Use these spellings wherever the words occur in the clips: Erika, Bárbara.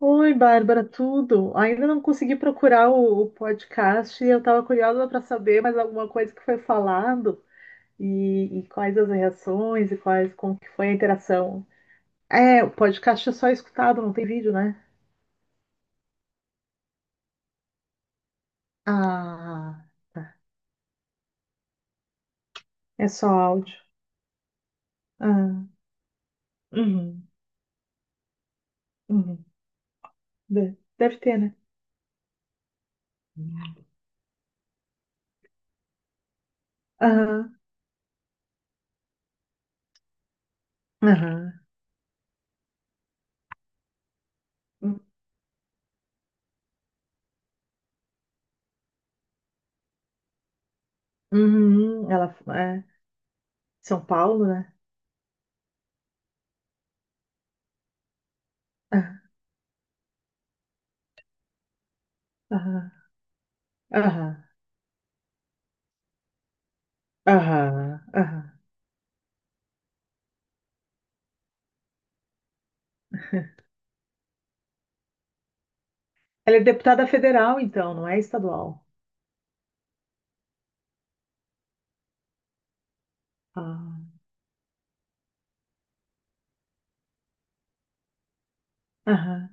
Oi, Bárbara, tudo? Ainda não consegui procurar o podcast e eu estava curiosa para saber mais alguma coisa que foi falado e quais as reações e quais como que foi a interação. É, o podcast é só escutado, não tem vídeo, né? Ah, é só áudio. Ah, uhum, uhum. Deve ter, né? Aham, aham. Uhum, ela é São Paulo, né? Aham, aham, aham, aham, aham. Ela é deputada federal, então, não é estadual. Ah, aham,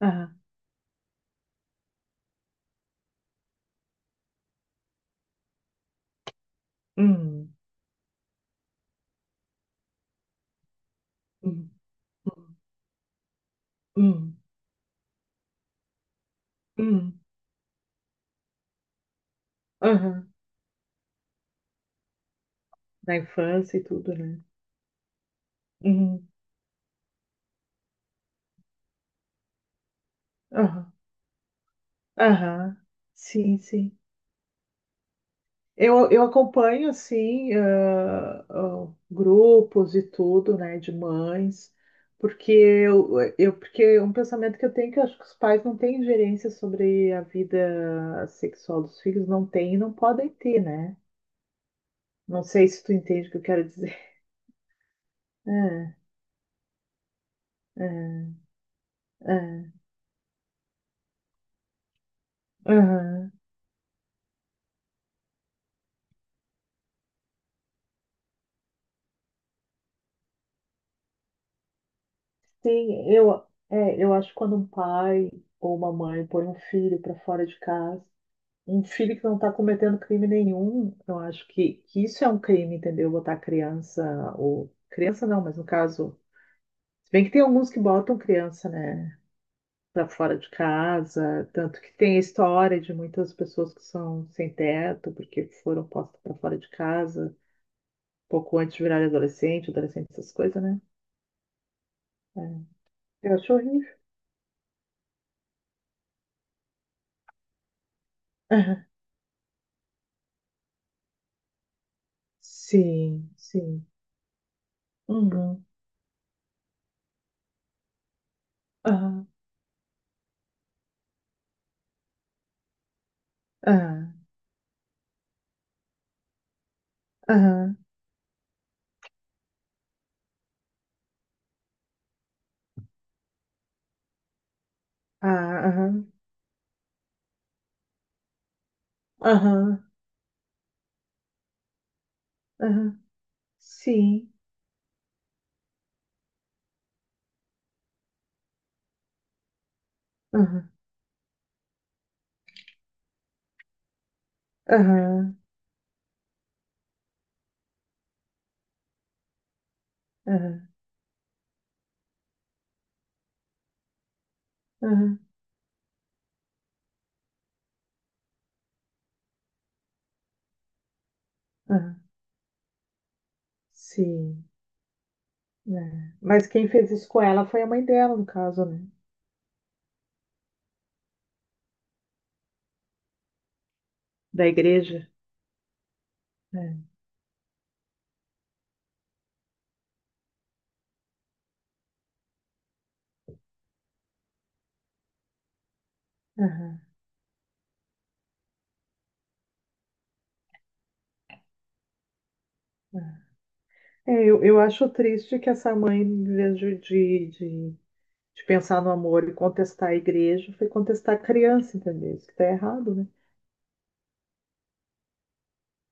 aham. Hum, hum, hum, hum, aham. Da infância e tudo, né? Uhum, aham, aham. Sim, sim. Eu acompanho, assim, grupos e tudo, né, de mães, porque eu, porque é um pensamento que eu tenho que eu acho que os pais não têm ingerência sobre a vida sexual dos filhos, não têm e não podem ter, né? Não sei se tu entende o que eu quero dizer. É, é, é. Aham. Sim, eu, é, eu acho que quando um pai ou uma mãe põe um filho para fora de casa, um filho que não está cometendo crime nenhum, eu acho que isso é um crime, entendeu? Botar criança, ou criança não, mas no caso, se bem que tem alguns que botam criança, né, para fora de casa, tanto que tem a história de muitas pessoas que são sem teto porque foram postas para fora de casa pouco antes de virarem adolescente, essas coisas, né? É. Eu acho horrível. Aham. Sim, sim. Uhum. Aham. Aham. Aham. Ah, aham. Aham. Aham. Sim. Aham. Aham. Aham. Aham. Aham. Sim. É. Mas quem fez isso com ela foi a mãe dela, no caso, né? Da igreja. É. Aham. Aham. É, eu acho triste que essa mãe, em vez de pensar no amor e contestar a igreja, foi contestar a criança, entendeu? Isso que está errado, né?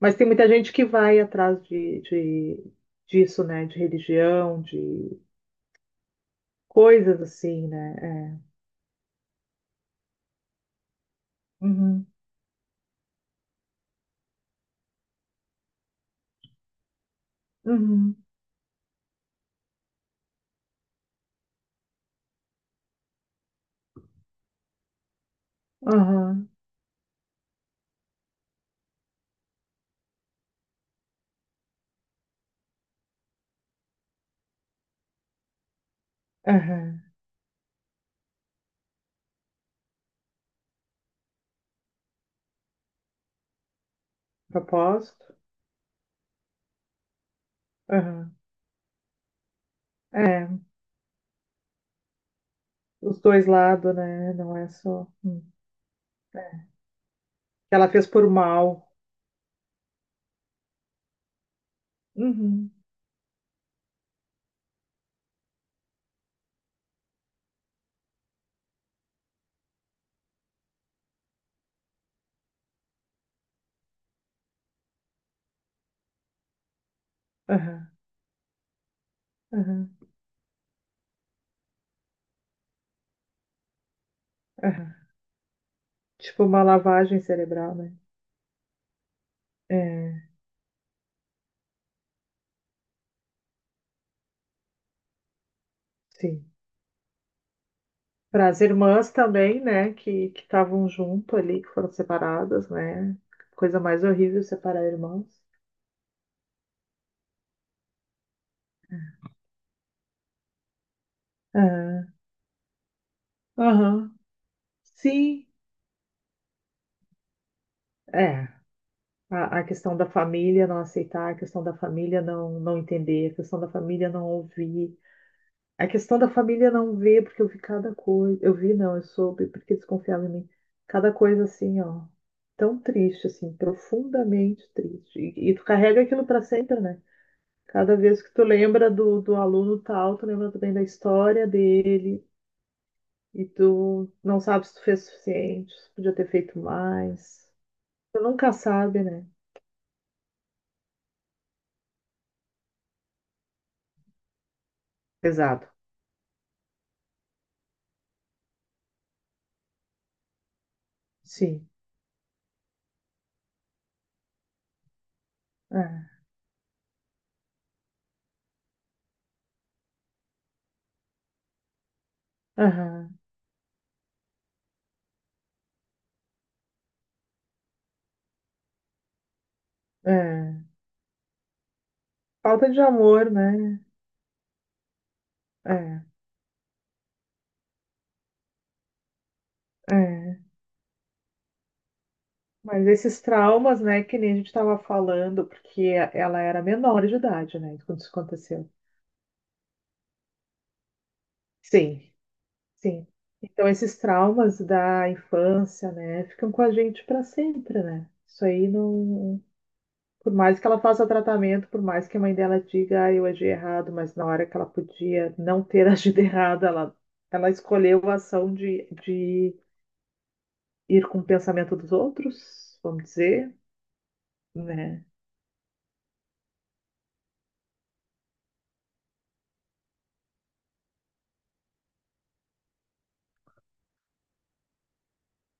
Mas tem muita gente que vai atrás disso, né? De religião, de coisas assim, né? É. Uhum, uhum, aham, aham. Propósito? Aham. É, os dois lados, né? Não é só. Hum. Que ela fez por mal. Uhum, aham, aham, aham. Tipo uma lavagem cerebral, né? É, sim. Para as irmãs também, né, que estavam junto ali, que foram separadas, né? Coisa mais horrível separar irmãos. É, aham. Sim, é. A questão da família não aceitar, a questão da família não, não entender, a questão da família não ouvir, a questão da família não ver, porque eu vi cada coisa. Eu vi, não, eu soube, porque desconfiava em mim. Cada coisa assim, ó. Tão triste, assim, profundamente triste. E tu carrega aquilo para sempre, né? Cada vez que tu lembra do aluno tal, tu lembra também da história dele e tu não sabe se tu fez o suficiente, se podia ter feito mais. Tu nunca sabe, né? Pesado. Sim. É. Aham. É. Falta de amor, né? É. É. Mas esses traumas, né, que nem a gente estava falando, porque ela era menor de idade, né, quando isso aconteceu. Sim. Sim. Então, esses traumas da infância, né, ficam com a gente para sempre, né? Isso aí não. Por mais que ela faça tratamento, por mais que a mãe dela diga, ah, eu agi errado, mas na hora que ela podia não ter agido errado, ela escolheu a ação de ir com o pensamento dos outros, vamos dizer, né?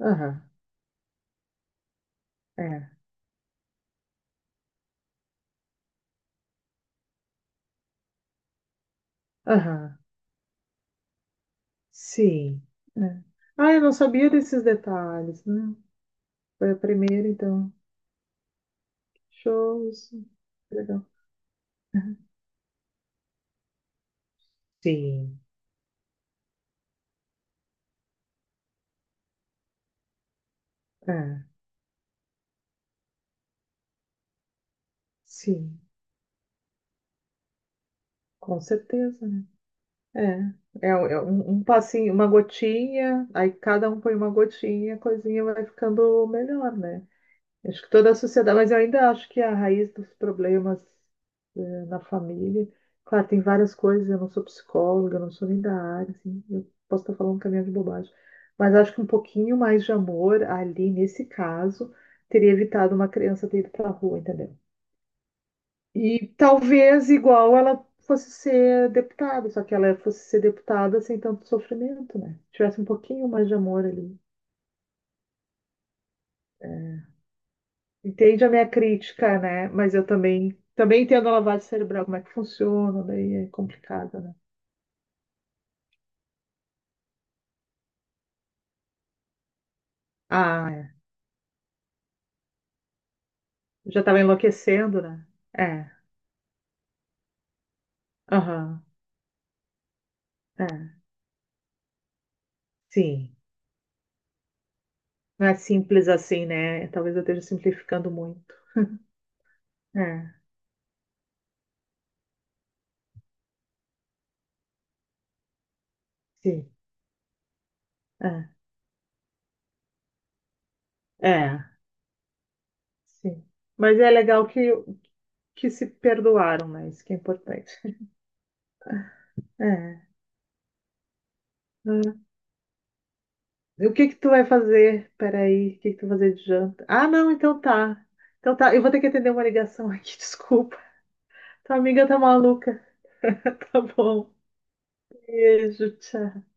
Aham, é. Aham, sim, é. Ah, eu não sabia desses detalhes, né? Foi a primeira, então. Show, isso. Legal. Sim, é, sim, com certeza, né. É, é é um um passinho, uma gotinha, aí cada um põe uma gotinha, a coisinha vai ficando melhor, né. Acho que toda a sociedade, mas eu ainda acho que a raiz dos problemas, eh, na família, claro, tem várias coisas, eu não sou psicóloga, eu não sou nem da área, assim, eu posso estar falando um caminhão de bobagem, mas acho que um pouquinho mais de amor ali, nesse caso, teria evitado uma criança ter ido pra rua, entendeu? E talvez igual ela fosse ser deputada, só que ela fosse ser deputada sem tanto sofrimento, né? Tivesse um pouquinho mais de amor ali. Entende a minha crítica, né? Mas eu também entendo a lavagem cerebral, como é que funciona, daí é complicado, né? Ah, é. Já estava enlouquecendo, né? É, aham, é, sim. Não é simples assim, né? Talvez eu esteja simplificando muito. É, sim, é, é, sim. Mas é legal que se perdoaram, né? Isso que é importante. É. Ah, o que que tu vai fazer? Peraí, o que que tu vai fazer de janta? Ah, não, então tá. Então tá, eu vou ter que atender uma ligação aqui, desculpa. Tua amiga tá maluca. Tá bom. Beijo, tchau.